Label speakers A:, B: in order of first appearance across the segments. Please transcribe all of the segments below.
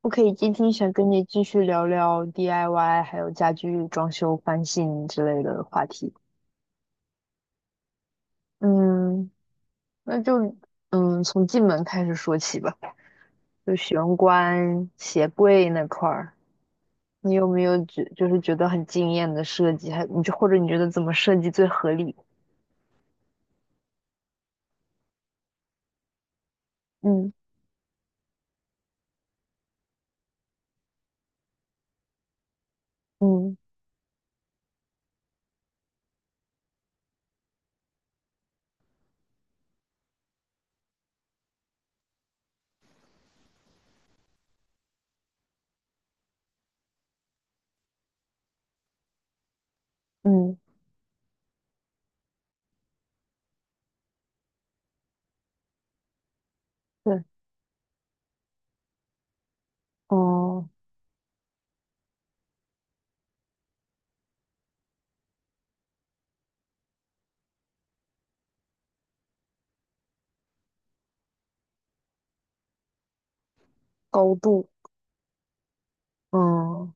A: 我可以今天想跟你继续聊聊 DIY，还有家居装修翻新之类的话题。嗯，那就从进门开始说起吧，就玄关、鞋柜那块儿，你有没有觉就是觉得很惊艳的设计？还你就或者你觉得怎么设计最合理？嗯嗯嗯，对，哦，高度，嗯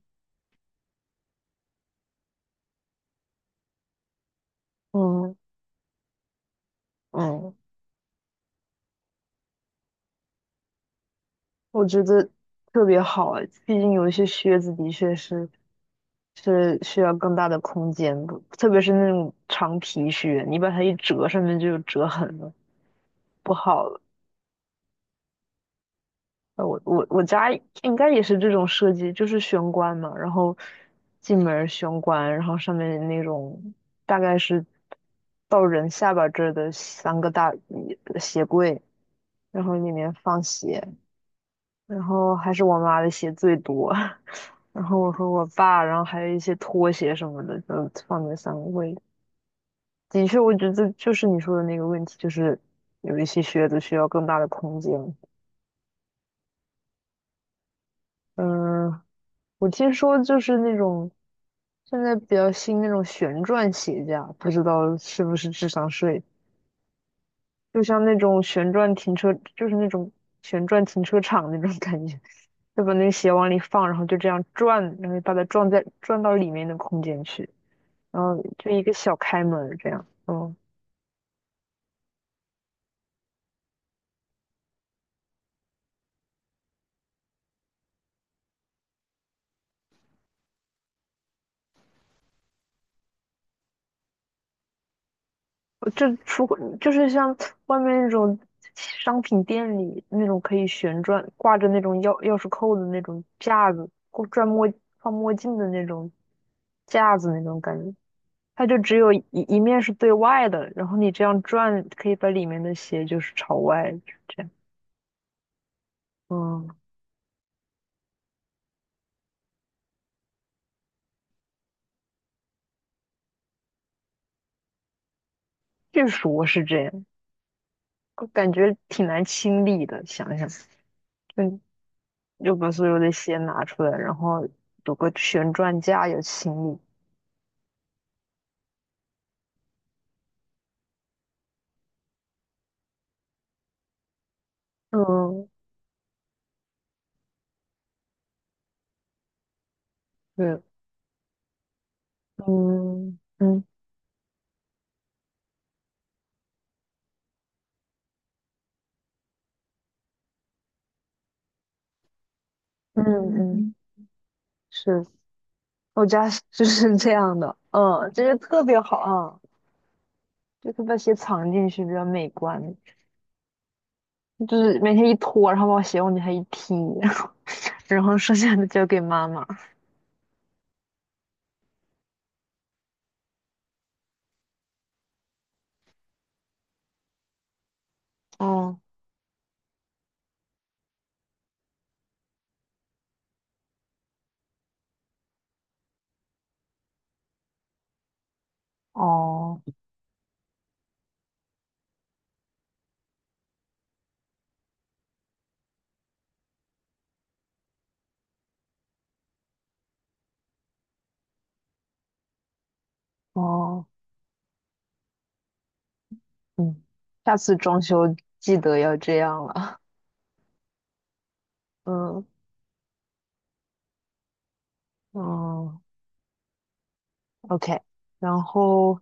A: 嗯嗯，我觉得特别好啊，毕竟有一些靴子的确是是需要更大的空间的，特别是那种长皮靴，你把它一折，上面就有折痕了，不好了。我家应该也是这种设计，就是玄关嘛，然后进门儿玄关，然后上面那种大概是到人下巴这儿的三个大一鞋柜，然后里面放鞋，然后还是我妈的鞋最多，然后我和我爸，然后还有一些拖鞋什么的，就放在三位。的确，我觉得就是你说的那个问题，就是有一些靴子需要更大的空间。嗯，我听说就是那种现在比较新那种旋转鞋架，不知道是不是智商税，就像那种旋转停车，就是那种旋转停车场那种感觉，就把那个鞋往里放，然后就这样转，然后把它转在转到里面的空间去，然后就一个小开门这样。嗯，就这出就是像外面那种商品店里那种可以旋转挂着那种钥匙扣的那种架子，或转墨放墨镜的那种架子那种感觉。它就只有一面是对外的，然后你这样转，可以把里面的鞋就是朝外，就是这样。嗯，日说是这样，我感觉挺难清理的。想想，就就把所有的鞋拿出来，然后有个旋转架有清理。嗯，对，嗯嗯嗯嗯，是我家是就 是这样的。嗯，这个特别好啊，就是把鞋藏进去比较美观，就是每天一脱，然后把鞋往底下一踢。然后剩下的交给妈妈。哦哦哦，嗯，下次装修记得要这样了。嗯嗯，OK。然后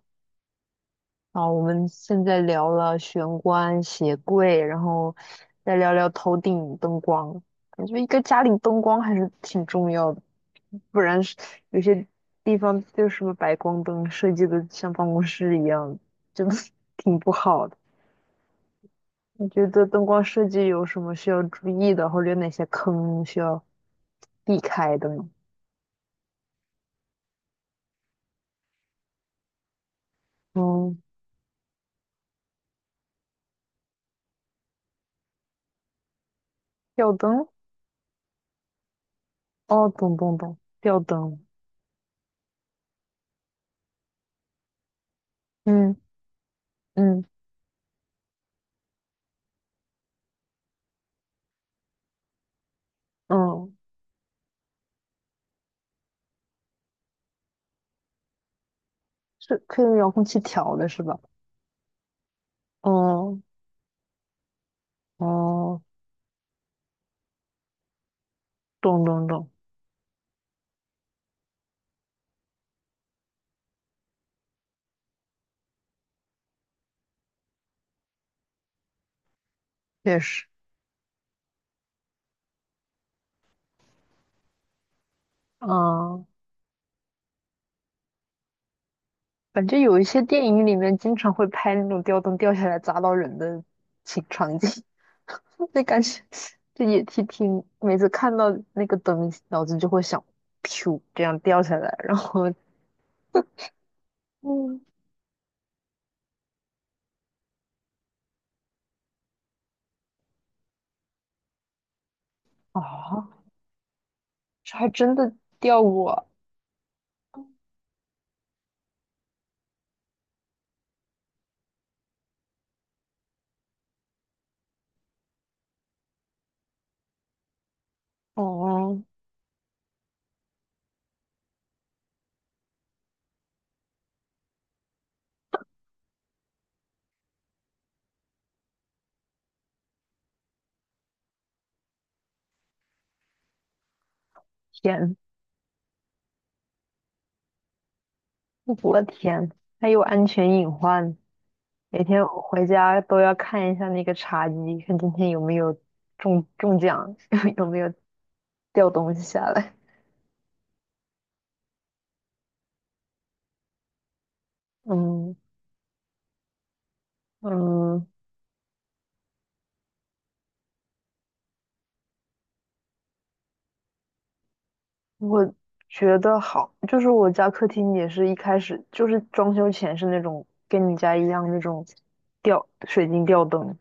A: 啊，我们现在聊了玄关、鞋柜，然后再聊聊头顶灯光。感觉一个家里灯光还是挺重要的，不然是有些地方就是什么白光灯设计的像办公室一样，真就 挺不好的。你觉得灯光设计有什么需要注意的，或者有哪些坑需要避开的呢？嗯，吊灯，哦，懂懂懂，吊灯，嗯嗯嗯，是可以用遥控器调的是吧？哦哦，懂懂懂，确实，嗯，反正有一些电影里面经常会拍那种吊灯掉下来砸到人的场景，那感觉这也挺，每次看到那个灯，脑子就会想，噗，这样掉下来，然后 嗯，啊，这还真的掉过，哦，天，我的天，还有安全隐患，每天我回家都要看一下那个茶几，看今天有没有中奖，有没有掉东西下来，嗯。嗯，我觉得好，就是我家客厅也是一开始就是装修前是那种跟你家一样那种吊水晶吊灯，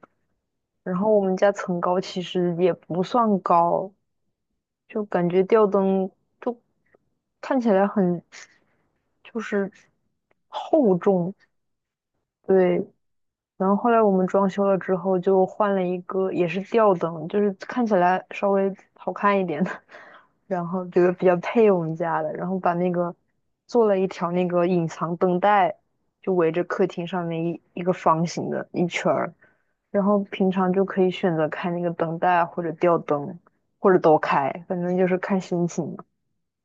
A: 然后我们家层高其实也不算高，就感觉吊灯就看起来很就是厚重，对，然后后来我们装修了之后，就换了一个也是吊灯，就是看起来稍微好看一点的，然后觉得比较配我们家的，然后把那个做了一条那个隐藏灯带，就围着客厅上面一个方形的一圈儿，然后平常就可以选择开那个灯带或者吊灯，或者都开，反正就是看心情。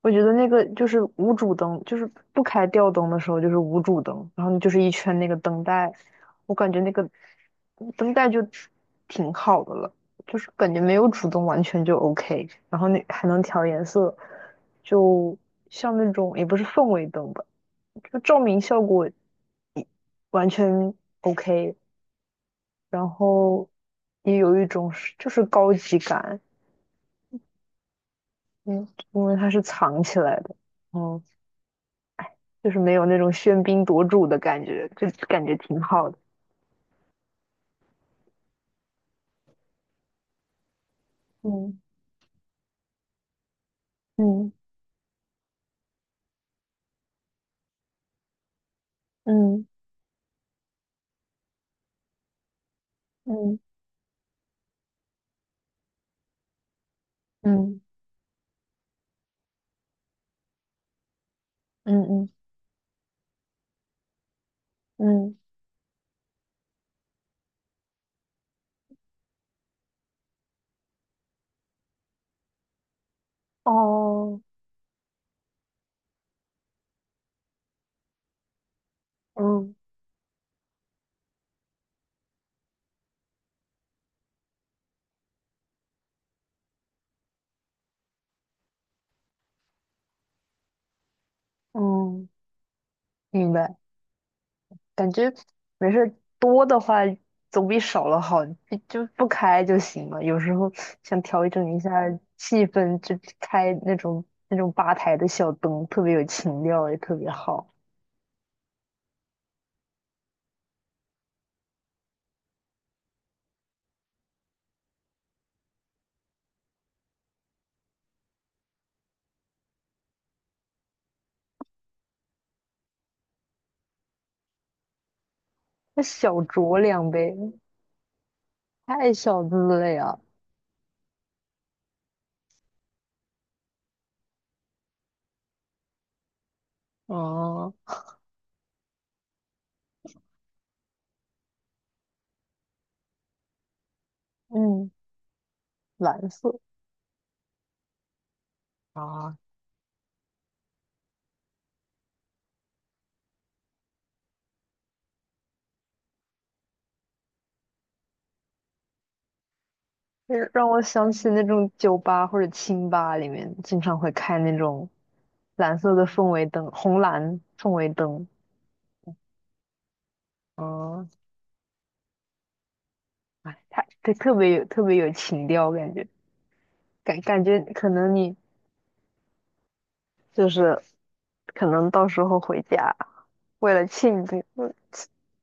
A: 我觉得那个就是无主灯，就是不开吊灯的时候就是无主灯，然后你就是一圈那个灯带，我感觉那个灯带就挺好的了，就是感觉没有主灯完全就 OK，然后那还能调颜色，就像那种也不是氛围灯吧，就照明效果完全 OK，然后也有一种是就是高级感，嗯，因为它是藏起来的，嗯就是没有那种喧宾夺主的感觉，就感觉挺好的。嗯嗯嗯嗯嗯嗯嗯嗯，哦，嗯嗯，明白。感觉没事儿，多的话总比少了好，就不开就行了。有时候想调整一下气氛，就开那种那种吧台的小灯，特别有情调，也特别好。那小酌两杯，太小资了呀。啊嗯，蓝色。啊，就是让我想起那种酒吧或者清吧里面经常会开那种蓝色的氛围灯，红蓝氛围灯。嗯，哎，它特别有情调，感觉感觉可能你就是可能到时候回家为了庆祝，嗯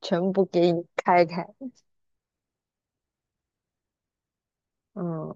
A: 全部给你开开。嗯，